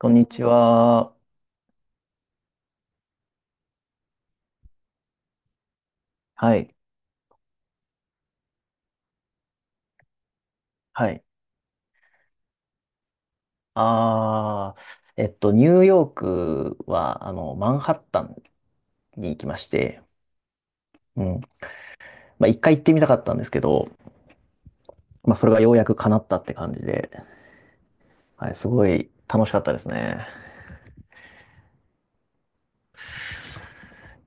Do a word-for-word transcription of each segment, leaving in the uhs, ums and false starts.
こんにちは。はい。はい。あー、えっと、ニューヨークは、あの、マンハッタンに行きまして、うん。まあ、一回行ってみたかったんですけど、まあ、それがようやく叶ったって感じで、はい、すごい楽しかったですね。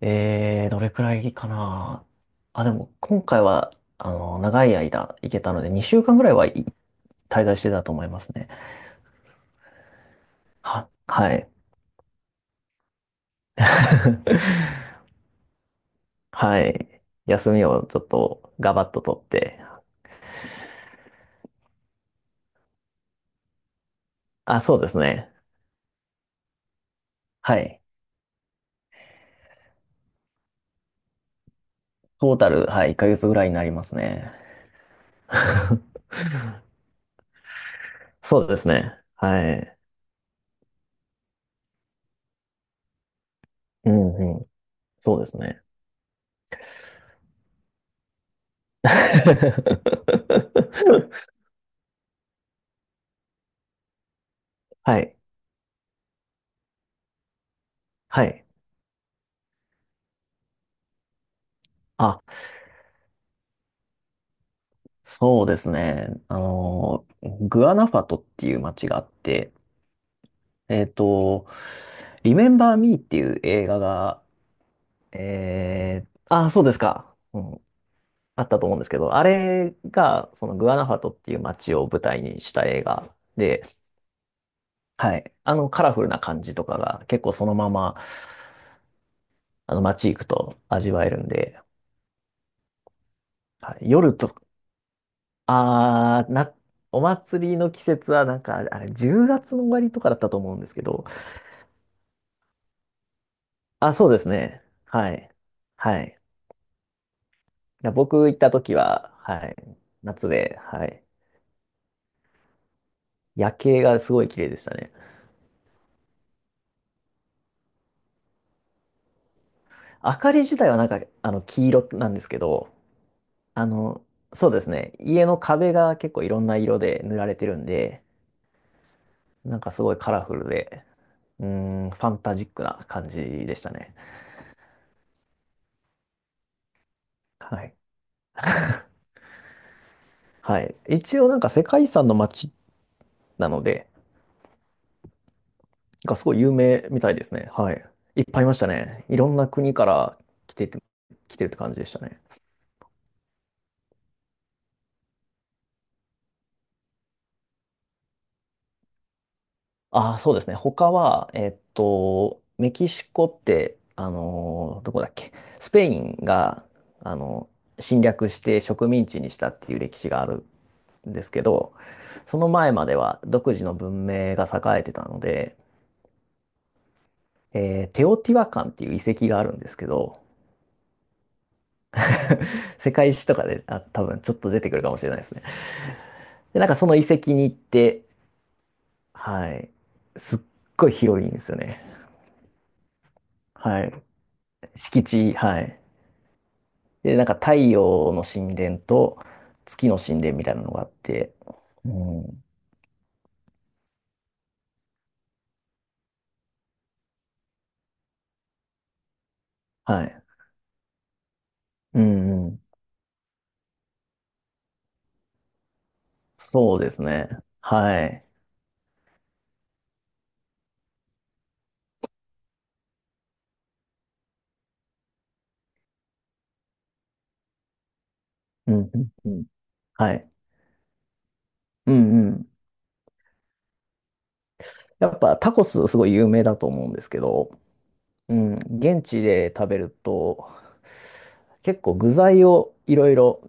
えー、どれくらいかな。あ、でも、今回は、あの、長い間行けたので、にしゅうかんぐらい、はい、滞在してたと思いますね。は、はい。はい。休みをちょっとガバッと取って、あ、そうですね。はい。トータル、はい、いっかげつぐらいになりますね。そうですね。はい。うんうん。そうですね。はい。はい。あ、そうですね。あの、グアナファトっていう街があって、えっと、リメンバー・ミーっていう映画が、えーあ、そうですか。うん。あったと思うんですけど、あれが、そのグアナファトっていう街を舞台にした映画で、はい。あの、カラフルな感じとかが結構そのまま、あの、街行くと味わえるんで、はい、夜と、あー、な、お祭りの季節はなんか、あれ、じゅうがつの終わりとかだったと思うんですけど、あ、そうですね。はい。はい。だ僕行った時は、はい。夏で、はい。夜景がすごい綺麗でしたね。明かり自体はなんか、あの、黄色なんですけど、あの、そうですね。家の壁が結構いろんな色で塗られてるんで、なんかすごいカラフルで、うーん、ファンタジックな感じでしたね。はい。はい。一応なんか世界遺産の街なので、がすごい有名みたいですね。はい。いっぱいいましたね。いろんな国から来てて、来てるって感じでしたね。ああ、そうですね。他は、えっと、メキシコって、あのーどこだっけ、スペインが、あの侵略して植民地にしたっていう歴史があるんですけど、その前までは独自の文明が栄えてたので、えーテオティワカンっていう遺跡があるんですけど、世界史とかで、あ、多分ちょっと出てくるかもしれないですね。で、なんかその遺跡に行って、はい、すっごい広いんですよね。はい、敷地、はい。で、なんか太陽の神殿と月の神殿みたいなのがあって、うん、はい、うん、うん、そうですね。はい。うん、うん、うん、はい。うん、やっぱタコスすごい有名だと思うんですけど、うん、現地で食べると、結構具材をいろいろ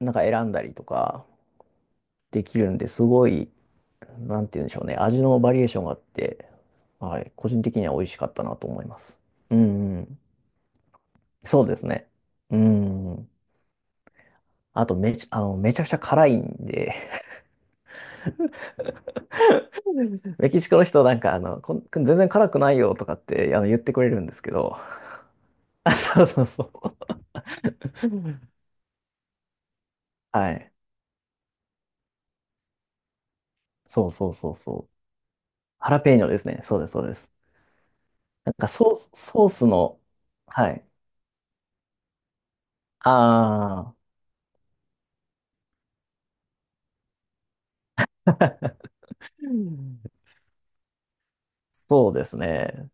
なんか選んだりとかできるんですごい、なんて言うんでしょうね、味のバリエーションがあって、はい、個人的には美味しかったなと思います。うんうん、そうですね。うんうん。あとめち、あの、めちゃくちゃ辛いんで、メキシコの人なんかあの、こん、全然辛くないよとかってあの言ってくれるんですけど、あ、そうそうそう。はい。そうそうそうそう。ハラペーニョですね。そうです、そうです。なんかソース、ソースの、はい。ああ、うん、そうですね。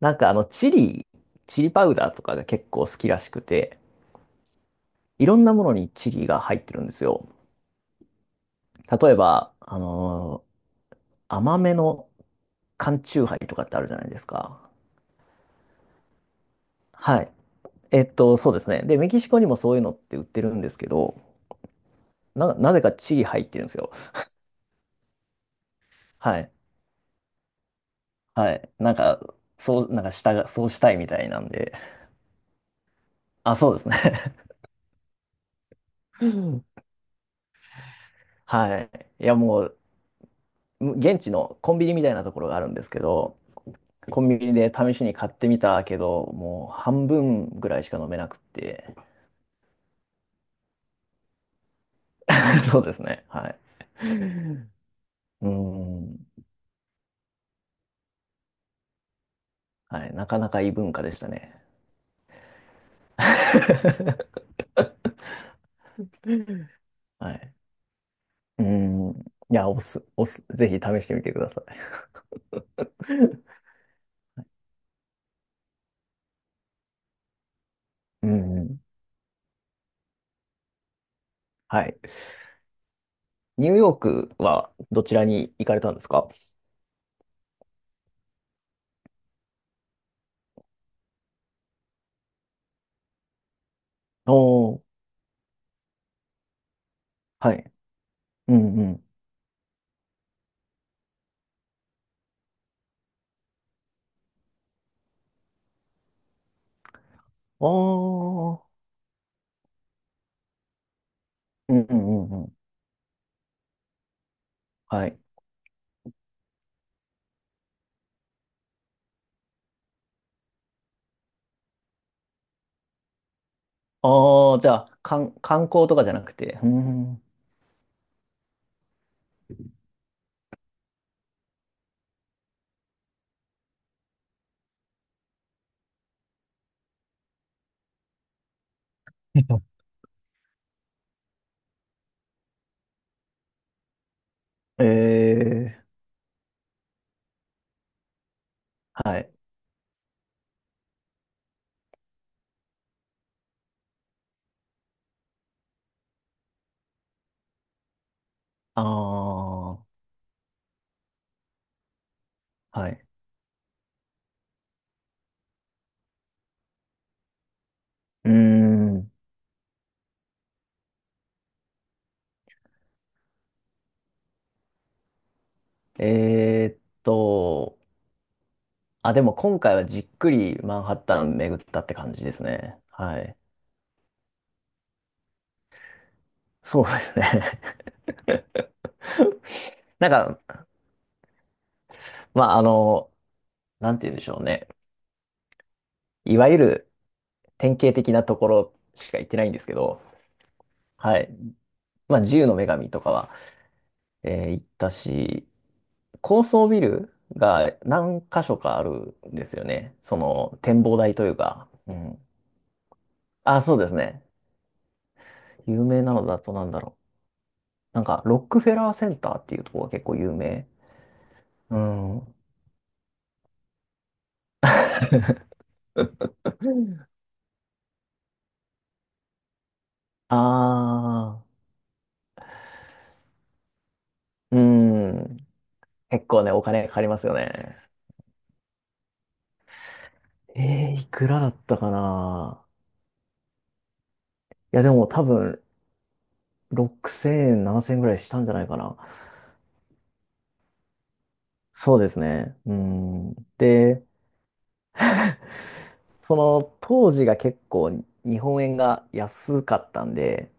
なんかあの、チリ、チリパウダーとかが結構好きらしくて、いろんなものにチリが入ってるんですよ。例えば、あのー甘めの缶チューハイとかってあるじゃないですか。はい。えっと、そうですね。で、メキシコにもそういうのって売ってるんですけど、な、なぜかチリ入ってるんですよ。はい。はい。なんか、そう、なんかしたが、そうしたいみたいなんで。あ、そうですね。うん。はい。いや、もう、現地のコンビニみたいなところがあるんですけど、コンビニで試しに買ってみたけど、もう半分ぐらいしか飲めなくって。そうですね。はい。うん。はい。なかなかいい文化でしたね。はい。うん。いや、おす、おす、ぜひ試してみてください。うん。はい。ニューヨークはどちらに行かれたんですか？おー、はい。うんうん。ああ、うんうんうんうん。はい。ああ、じゃあ、観観光とかじゃなくて。うん。ええー、はい。ああ、はい。うーん。えーっと、あ、でも今回はじっくりマンハッタン巡ったって感じですね。はい。そうですね。なんか、まあ、あの、なんて言うんでしょうね。いわゆる典型的なところしか行ってないんですけど、はい。まあ、自由の女神とかは、えー行ったし、高層ビルが何箇所かあるんですよね。その展望台というか。うん。あ、そうですね。有名なのだとなんだろう。なんか、ロックフェラーセンターっていうところが結構有名。うん。ああ、うん。結構ね、お金かかりますよね。えー、いくらだったかな。いや、でも多分、ろくせんえん、ななせんえんぐらいしたんじゃないかな。そうですね。うん。で、その当時が結構日本円が安かったんで、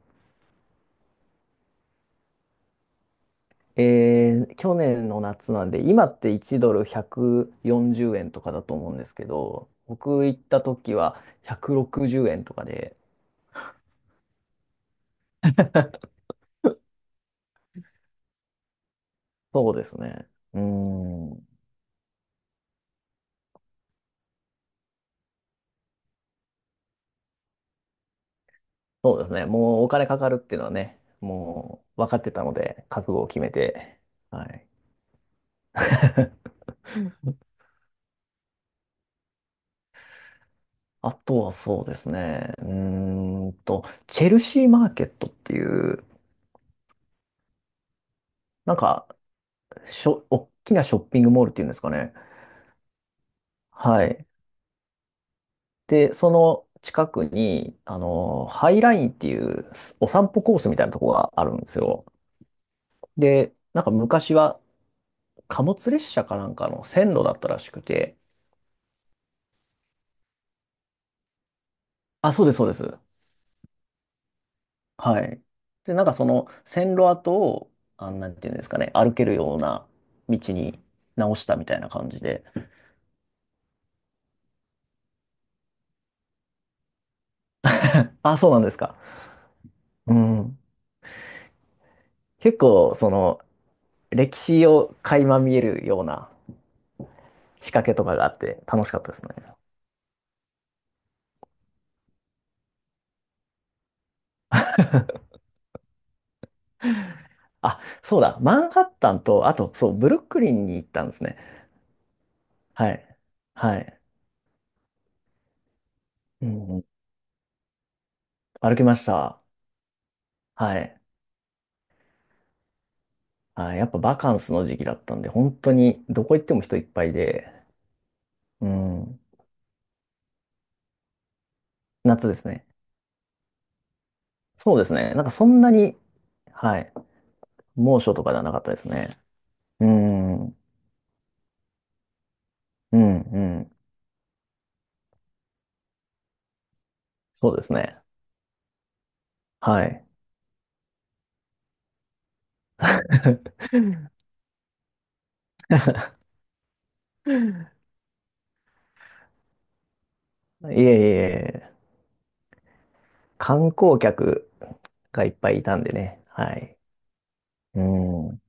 えー去年の夏なんで、今っていちドルひゃくよんじゅうえんとかだと思うんですけど、僕行った時はひゃくろくじゅうえんとかで、そうですね。うん。そうですね。もうお金かかるっていうのはね、もう分かってたので、覚悟を決めて、はい。あとはそうですね。うーんと、チェルシーマーケットっていう、なんか、しょ、大きなショッピングモールっていうんですかね。はい。で、その近くに、あの、ハイラインっていうすお散歩コースみたいなとこがあるんですよ。で、なんか昔は貨物列車かなんかの線路だったらしくて、あ、そうです、そうです。はい。で、なんかその線路跡を、あ、なんていうんですかね、歩けるような道に直したみたいな感じで、あ、そうなんですか。うん。結構、その、歴史を垣間見えるような仕掛けとかがあって楽しかったですね。あ、そうだ。マンハッタンと、あと、そう、ブルックリンに行ったんですね。はい。はい。うん。歩きました。はい。はい。やっぱバカンスの時期だったんで、本当にどこ行っても人いっぱいで、うん。夏ですね。そうですね。なんかそんなに、はい。猛暑とかではなかったですね。うん。うん。うん。そうですね。はい。いえいえいえ、観光客がいっぱいいたんでね。はい。うん。